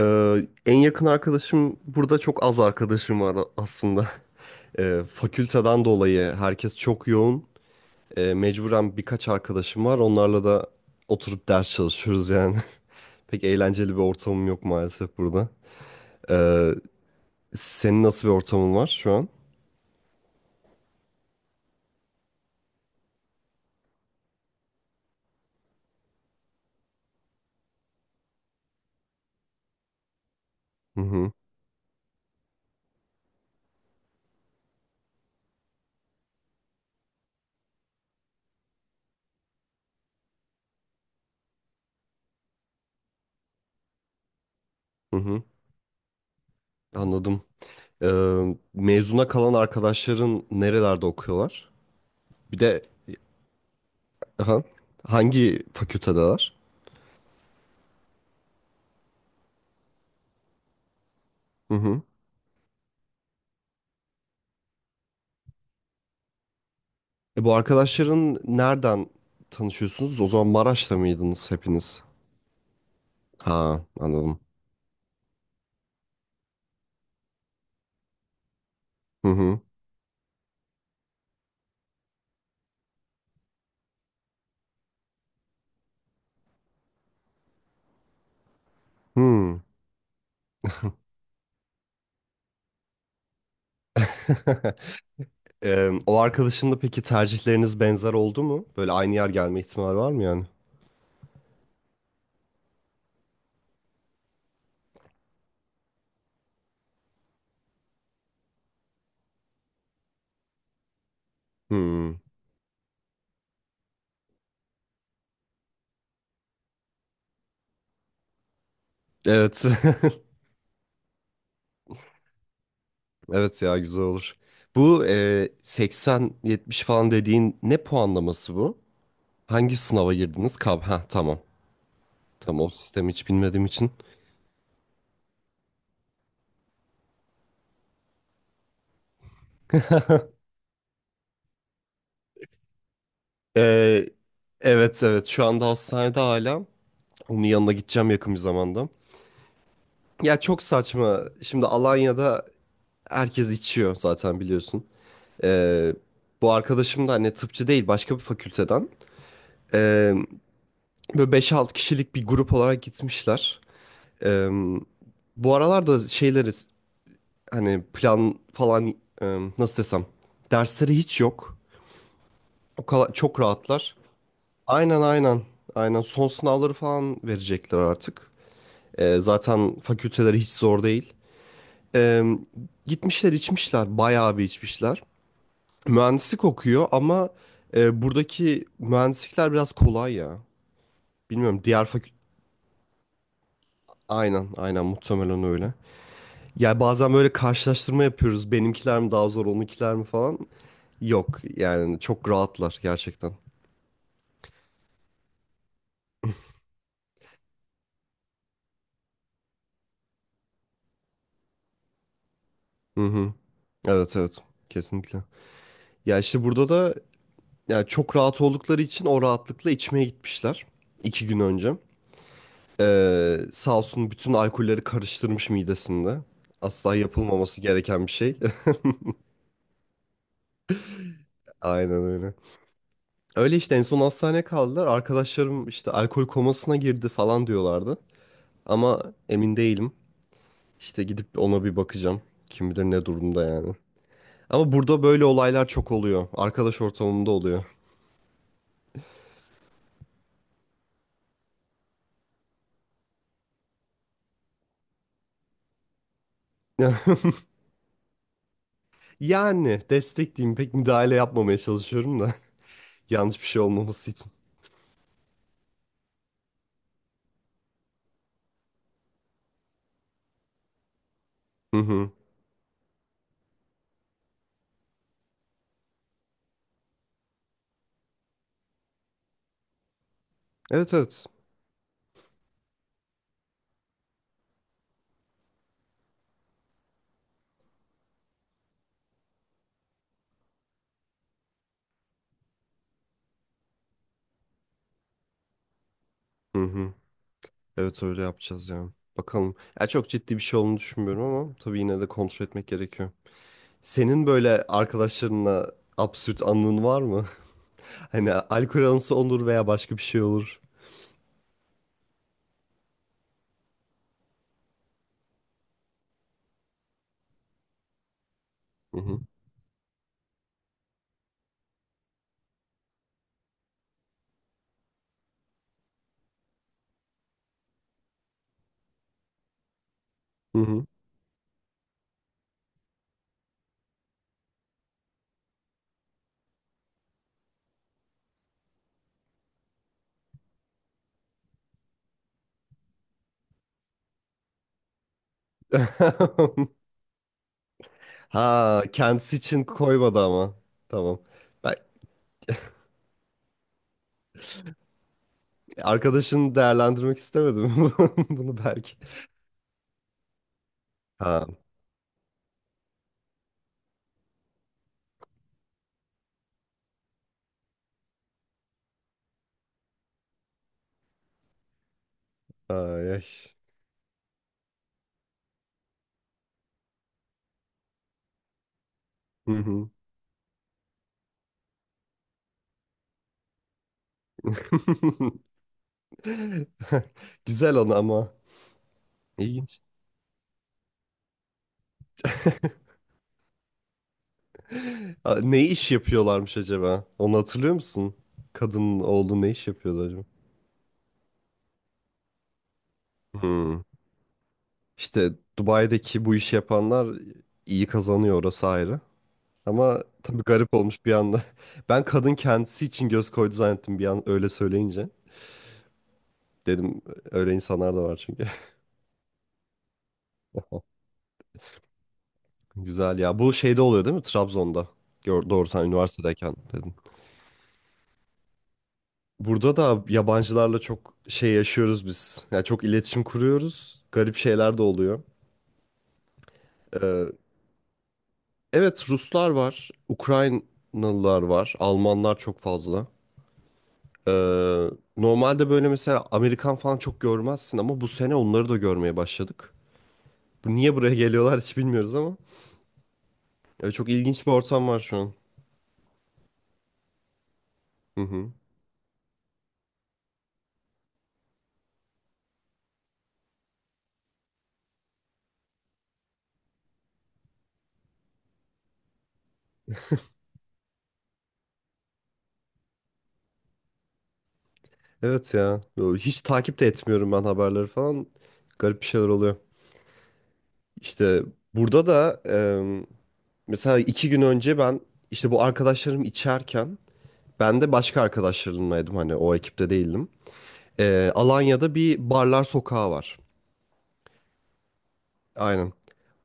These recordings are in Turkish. En yakın arkadaşım burada çok az arkadaşım var aslında. Fakülteden dolayı herkes çok yoğun. Mecburen birkaç arkadaşım var. Onlarla da oturup ders çalışıyoruz yani. Pek eğlenceli bir ortamım yok maalesef burada. Ee, Senin nasıl bir ortamın var şu an? Hı hı, hı hı, anladım. Mezuna kalan arkadaşların nerelerde okuyorlar? Bir de efendim, hangi fakültedeler? Bu arkadaşların nereden tanışıyorsunuz? O zaman Maraş'ta mıydınız hepiniz? Ha, anladım. Hı hı. Hmm. O arkadaşın da peki tercihleriniz benzer oldu mu? Böyle aynı yer gelme ihtimali var mı yani? Hmm. Evet. Evet ya, güzel olur. Bu 80-70 falan dediğin ne puanlaması bu? Hangi sınava girdiniz? Ha, tamam. Tamam, o sistemi hiç bilmediğim için. E, evet evet, şu anda hastanede hala. Onun yanına gideceğim yakın bir zamanda. Ya çok saçma. Şimdi Alanya'da herkes içiyor zaten, biliyorsun. Ee, Bu arkadaşım da hani tıpçı değil, başka bir fakülteden. Ee, Böyle beş 6 kişilik bir grup olarak gitmişler. Ee, Bu aralarda şeyleri, hani plan falan, e, nasıl desem, dersleri hiç yok. O kadar çok rahatlar. Aynen aynen. Aynen, son sınavları falan verecekler artık. Zaten fakülteleri hiç zor değil. Ee, Gitmişler içmişler, bayağı bir içmişler. Mühendislik okuyor ama buradaki mühendislikler biraz kolay ya. Bilmiyorum, diğer fakü... Aynen, aynen, muhtemelen öyle. Ya bazen böyle karşılaştırma yapıyoruz. Benimkiler mi daha zor, onunkiler mi falan. Yok yani, çok rahatlar gerçekten. Hı hı. Evet evet, kesinlikle. Ya işte burada da, ya çok rahat oldukları için o rahatlıkla içmeye gitmişler. 2 gün önce. Sağ olsun, bütün alkolleri karıştırmış midesinde. Asla yapılmaması gereken bir şey. Aynen öyle. Öyle işte, en son hastaneye kaldılar. Arkadaşlarım işte alkol komasına girdi falan diyorlardı. Ama emin değilim. İşte gidip ona bir bakacağım. Kim bilir ne durumda yani. Ama burada böyle olaylar çok oluyor. Arkadaş ortamında oluyor. Yani destek, pek müdahale yapmamaya çalışıyorum da. Yanlış bir şey olmaması için. Hı hı. Evet evet. Hı hı. Evet, öyle yapacağız ya. Bakalım. Ya çok ciddi bir şey olduğunu düşünmüyorum ama tabii yine de kontrol etmek gerekiyor. Senin böyle arkadaşlarınla absürt anın var mı? Hani alkol anısı olur veya başka bir şey olur. Hı hı. Hı hı. Ha, kendisi için koymadı ama. Tamam. Ben arkadaşını değerlendirmek istemedim bunu belki. Ha. Ay, ay. Hı hı. Güzel onu ama. İlginç. Aa, ne iş yapıyorlarmış acaba? Onu hatırlıyor musun? Kadının oğlu ne iş yapıyordu acaba? Hmm. İşte Dubai'deki bu işi yapanlar iyi kazanıyor, orası ayrı. Ama tabii garip olmuş bir anda. Ben kadın kendisi için göz koydu zannettim bir an, öyle söyleyince. Dedim öyle insanlar da var çünkü. Güzel ya. Bu şeyde oluyor değil mi? Trabzon'da. Gör, doğru, sen üniversitedeyken dedin. Burada da yabancılarla çok şey yaşıyoruz biz. Yani çok iletişim kuruyoruz. Garip şeyler de oluyor. Ee, Evet, Ruslar var, Ukraynalılar var, Almanlar çok fazla. Ee, Normalde böyle mesela Amerikan falan çok görmezsin ama bu sene onları da görmeye başladık. Bu niye buraya geliyorlar hiç bilmiyoruz ama çok ilginç bir ortam var şu an. Hı hı. Evet ya. Yo, hiç takip de etmiyorum ben haberleri falan. Garip bir şeyler oluyor. İşte burada da mesela 2 gün önce ben, işte bu arkadaşlarım içerken, ben de başka arkadaşlarımlaydım, hani o ekipte değildim. Alanya'da bir barlar sokağı var. Aynen.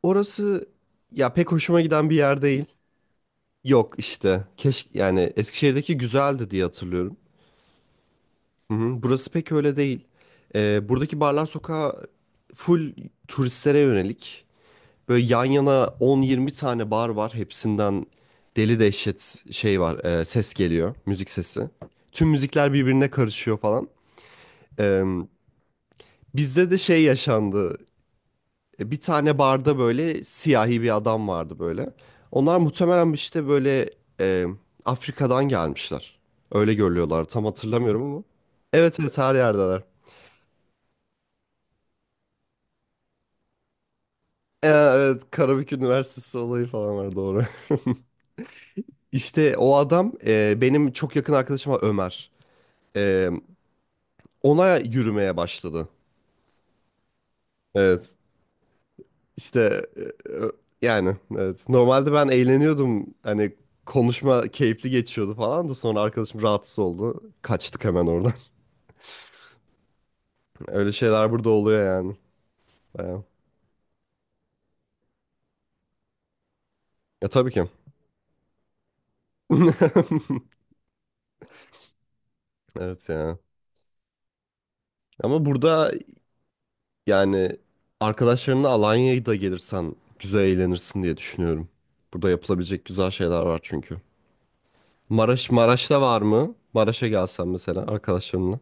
Orası ya pek hoşuma giden bir yer değil. Yok işte. Keşke yani, Eskişehir'deki güzeldi diye hatırlıyorum. Hı hı. Burası pek öyle değil. Buradaki barlar sokağı full turistlere yönelik. Böyle yan yana 10-20 tane bar var. Hepsinden deli dehşet şey var. Ses geliyor. Müzik sesi. Tüm müzikler birbirine karışıyor falan. Ee, Bizde de şey yaşandı. Bir tane barda böyle siyahi bir adam vardı böyle. Onlar muhtemelen işte böyle e, Afrika'dan gelmişler. Öyle görülüyorlar. Tam hatırlamıyorum ama. Evet evet, her yerdeler. Evet, Karabük Üniversitesi olayı falan var, doğru. İşte o adam, benim çok yakın arkadaşım var, Ömer. E, Ona yürümeye başladı. Evet. İşte e, yani evet. Normalde ben eğleniyordum. Hani konuşma keyifli geçiyordu falan da sonra arkadaşım rahatsız oldu. Kaçtık hemen oradan. Öyle şeyler burada oluyor yani. Bayağı. Ya tabii ki. Evet ya. Ama burada yani, arkadaşlarınla Alanya'ya da gelirsen güzel eğlenirsin diye düşünüyorum. Burada yapılabilecek güzel şeyler var çünkü. Maraş'ta var mı? Maraş'a gelsen mesela arkadaşlarınla.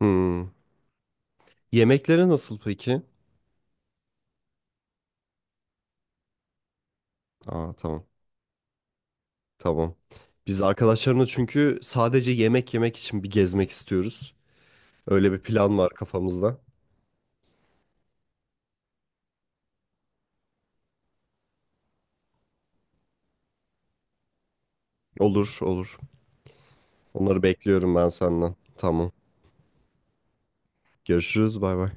Hmm. Yemekleri nasıl peki? Aa, tamam. Tamam. Biz arkadaşlarımla çünkü sadece yemek yemek için bir gezmek istiyoruz. Öyle bir plan var kafamızda. Olur, olur. Onları bekliyorum ben senden. Tamam. Görüşürüz. Bay bay.